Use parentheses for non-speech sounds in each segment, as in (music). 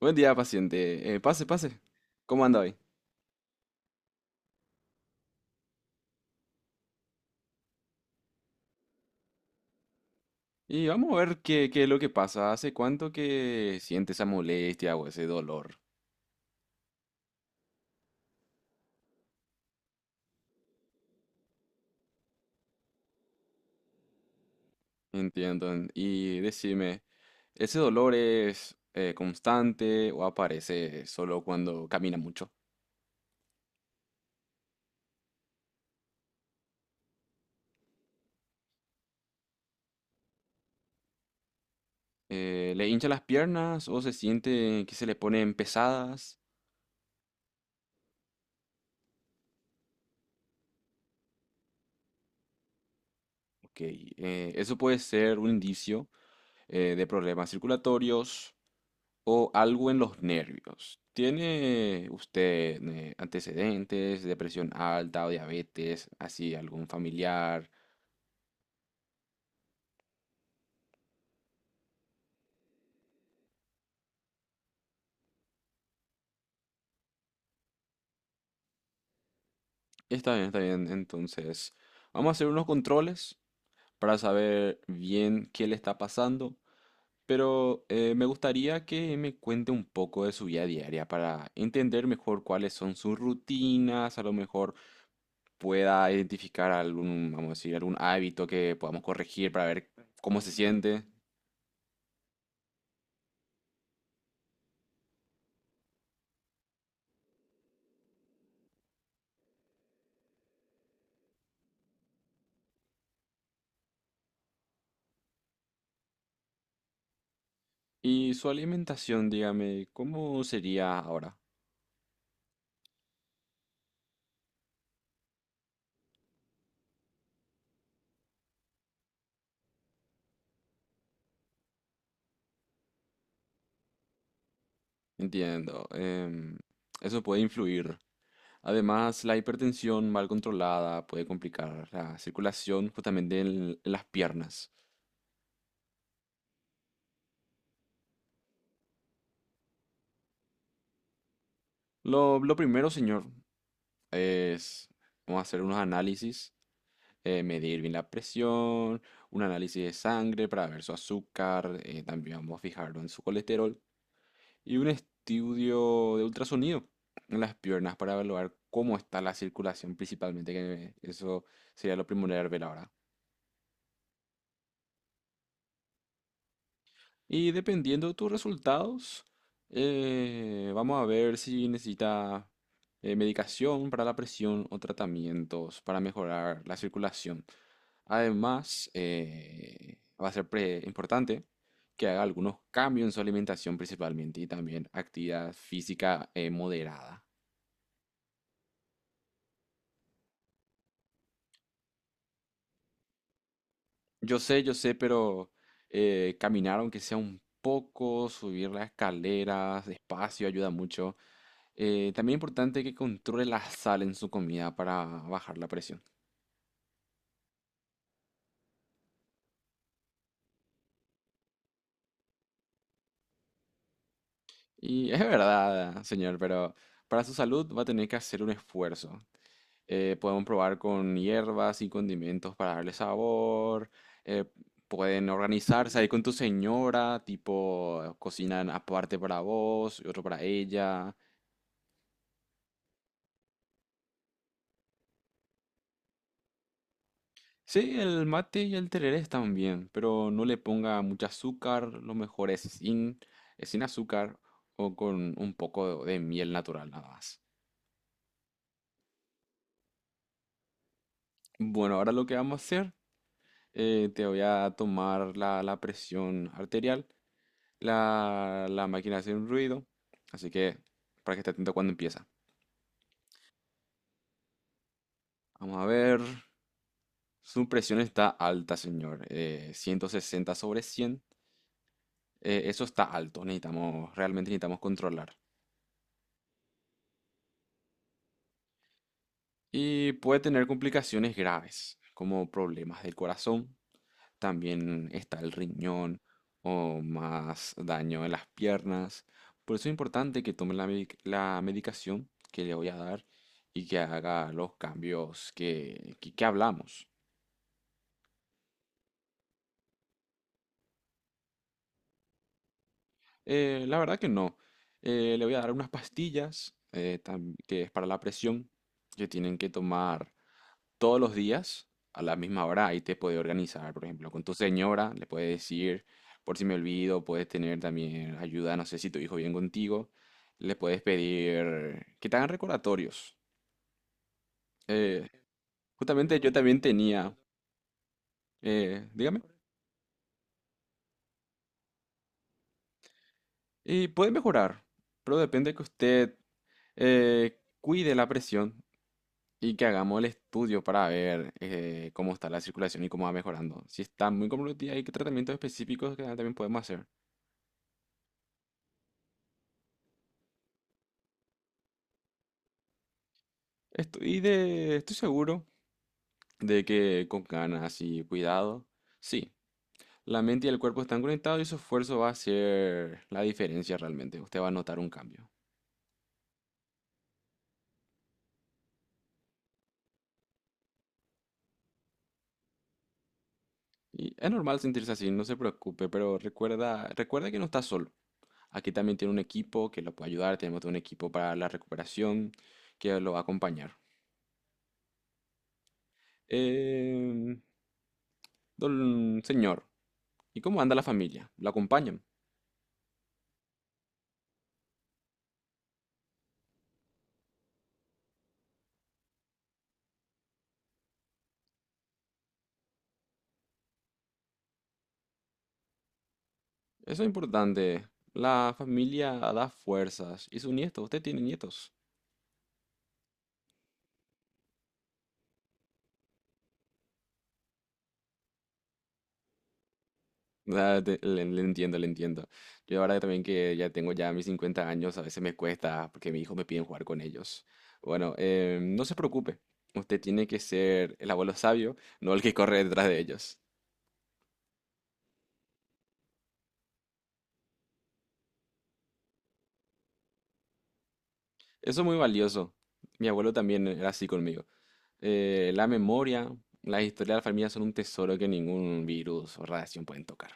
Buen día, paciente. Pase, pase. ¿Cómo anda hoy? Y vamos a ver qué es lo que pasa. ¿Hace cuánto que siente esa molestia o ese dolor? Entiendo. Y decime, ¿ese dolor es constante o aparece solo cuando camina mucho? ¿Le hincha las piernas o se siente que se le ponen pesadas? Ok, eso puede ser un indicio de problemas circulatorios o algo en los nervios. ¿Tiene usted antecedentes, depresión alta o diabetes, así algún familiar? Está bien, está bien. Entonces, vamos a hacer unos controles para saber bien qué le está pasando, pero me gustaría que me cuente un poco de su vida diaria para entender mejor cuáles son sus rutinas, a lo mejor pueda identificar algún, vamos a decir, algún hábito que podamos corregir para ver cómo se siente. Y su alimentación, dígame, ¿cómo sería ahora? Entiendo. Eso puede influir. Además, la hipertensión mal controlada puede complicar la circulación justamente en las piernas. Lo primero, señor, es vamos a hacer unos análisis, medir bien la presión, un análisis de sangre para ver su azúcar, también vamos a fijarlo en su colesterol. Y un estudio de ultrasonido en las piernas para evaluar cómo está la circulación principalmente, que eso sería lo primordial ver ahora. Y dependiendo de tus resultados, vamos a ver si necesita medicación para la presión o tratamientos para mejorar la circulación. Además, va a ser importante que haga algunos cambios en su alimentación principalmente y también actividad física moderada. Yo sé, pero caminar aunque sea un poco, subir las escaleras despacio ayuda mucho. También es importante que controle la sal en su comida para bajar la presión. Y es verdad, señor, pero para su salud va a tener que hacer un esfuerzo. Podemos probar con hierbas y condimentos para darle sabor. Eh, pueden organizarse ahí con tu señora, tipo, cocinan aparte para vos y otro para ella. Sí, el mate y el tereré están bien, pero no le ponga mucho azúcar, lo mejor es sin azúcar o con un poco de miel natural nada más. Bueno, ahora lo que vamos a hacer, te voy a tomar la presión arterial, la máquina hace un ruido, así que para que esté atento cuando empieza. Vamos a ver, su presión está alta, señor, 160 sobre 100, eso está alto, necesitamos, realmente necesitamos controlar. Y puede tener complicaciones graves, como problemas del corazón, también está el riñón o más daño en las piernas. Por eso es importante que tome la medicación que le voy a dar y que haga los cambios que hablamos. La verdad que no. Le voy a dar unas pastillas que es para la presión que tienen que tomar todos los días a la misma hora, ahí te puedes organizar, por ejemplo, con tu señora, le puedes decir, por si me olvido, puedes tener también ayuda, no sé si tu hijo viene contigo, le puedes pedir que te hagan recordatorios. Eh, Justamente yo también tenía, dígame, y puede mejorar, pero depende que usted cuide la presión y que hagamos el estudio para ver cómo está la circulación y cómo va mejorando. Si está muy comprometida, hay que tratamientos específicos que también podemos hacer. Estoy seguro de que con ganas y cuidado, sí, la mente y el cuerpo están conectados y su esfuerzo va a ser la diferencia realmente. Usted va a notar un cambio. Y es normal sentirse así, no se preocupe, pero recuerda que no está solo. Aquí también tiene un equipo que lo puede ayudar, tenemos todo un equipo para la recuperación que lo va a acompañar. Eh, don señor, ¿y cómo anda la familia? ¿La acompañan? Eso es importante. La familia da fuerzas. Y su nieto, usted tiene nietos. (laughs) Le, le entiendo, le entiendo. Yo ahora también que ya tengo ya mis 50 años, a veces me cuesta porque mis hijos me piden jugar con ellos. Bueno, no se preocupe. Usted tiene que ser el abuelo sabio, no el que corre detrás de ellos. Eso es muy valioso. Mi abuelo también era así conmigo. Eh, la memoria, la historia de la familia son un tesoro que ningún virus o radiación pueden tocar.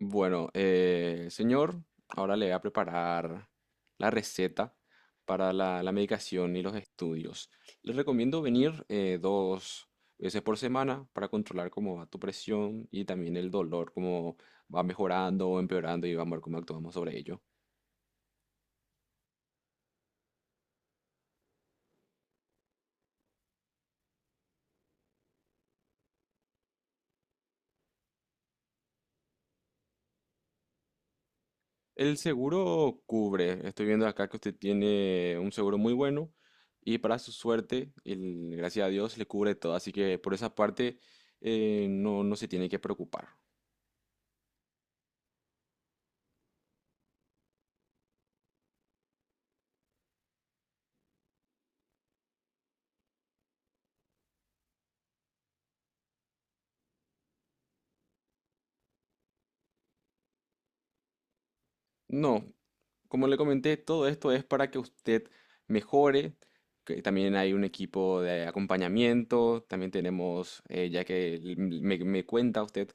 Bueno, señor, ahora le voy a preparar la receta para la medicación y los estudios. Le recomiendo venir dos veces por semana para controlar cómo va tu presión y también el dolor, cómo va mejorando o empeorando y vamos a ver cómo actuamos sobre ello. El seguro cubre, estoy viendo acá que usted tiene un seguro muy bueno y para su suerte, gracias a Dios, le cubre todo, así que por esa parte no, no se tiene que preocupar. No, como le comenté, todo esto es para que usted mejore. Que también hay un equipo de acompañamiento. También tenemos, ya que me cuenta usted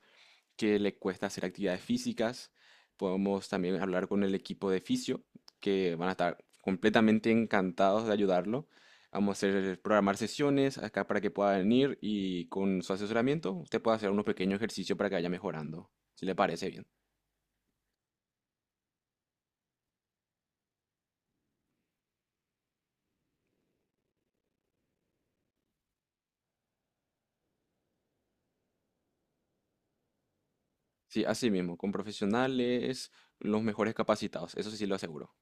que le cuesta hacer actividades físicas, podemos también hablar con el equipo de fisio, que van a estar completamente encantados de ayudarlo. Vamos a hacer programar sesiones acá para que pueda venir y con su asesoramiento usted pueda hacer unos pequeños ejercicios para que vaya mejorando, si le parece bien. Sí, así mismo, con profesionales, los mejores capacitados, eso sí lo aseguro.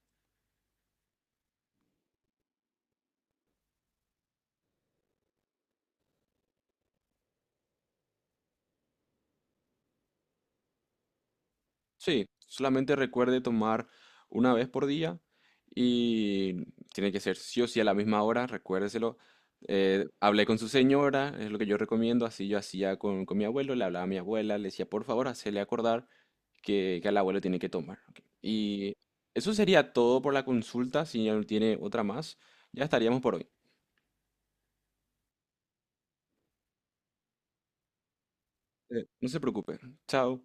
Sí, solamente recuerde tomar una vez por día y tiene que ser sí o sí a la misma hora, recuérdeselo. Hablé con su señora, es lo que yo recomiendo, así yo hacía con mi abuelo, le hablaba a mi abuela, le decía, por favor, hacele acordar que al abuelo tiene que tomar. Ok. Y eso sería todo por la consulta, si ya no tiene otra más, ya estaríamos por hoy. No se preocupe, chao.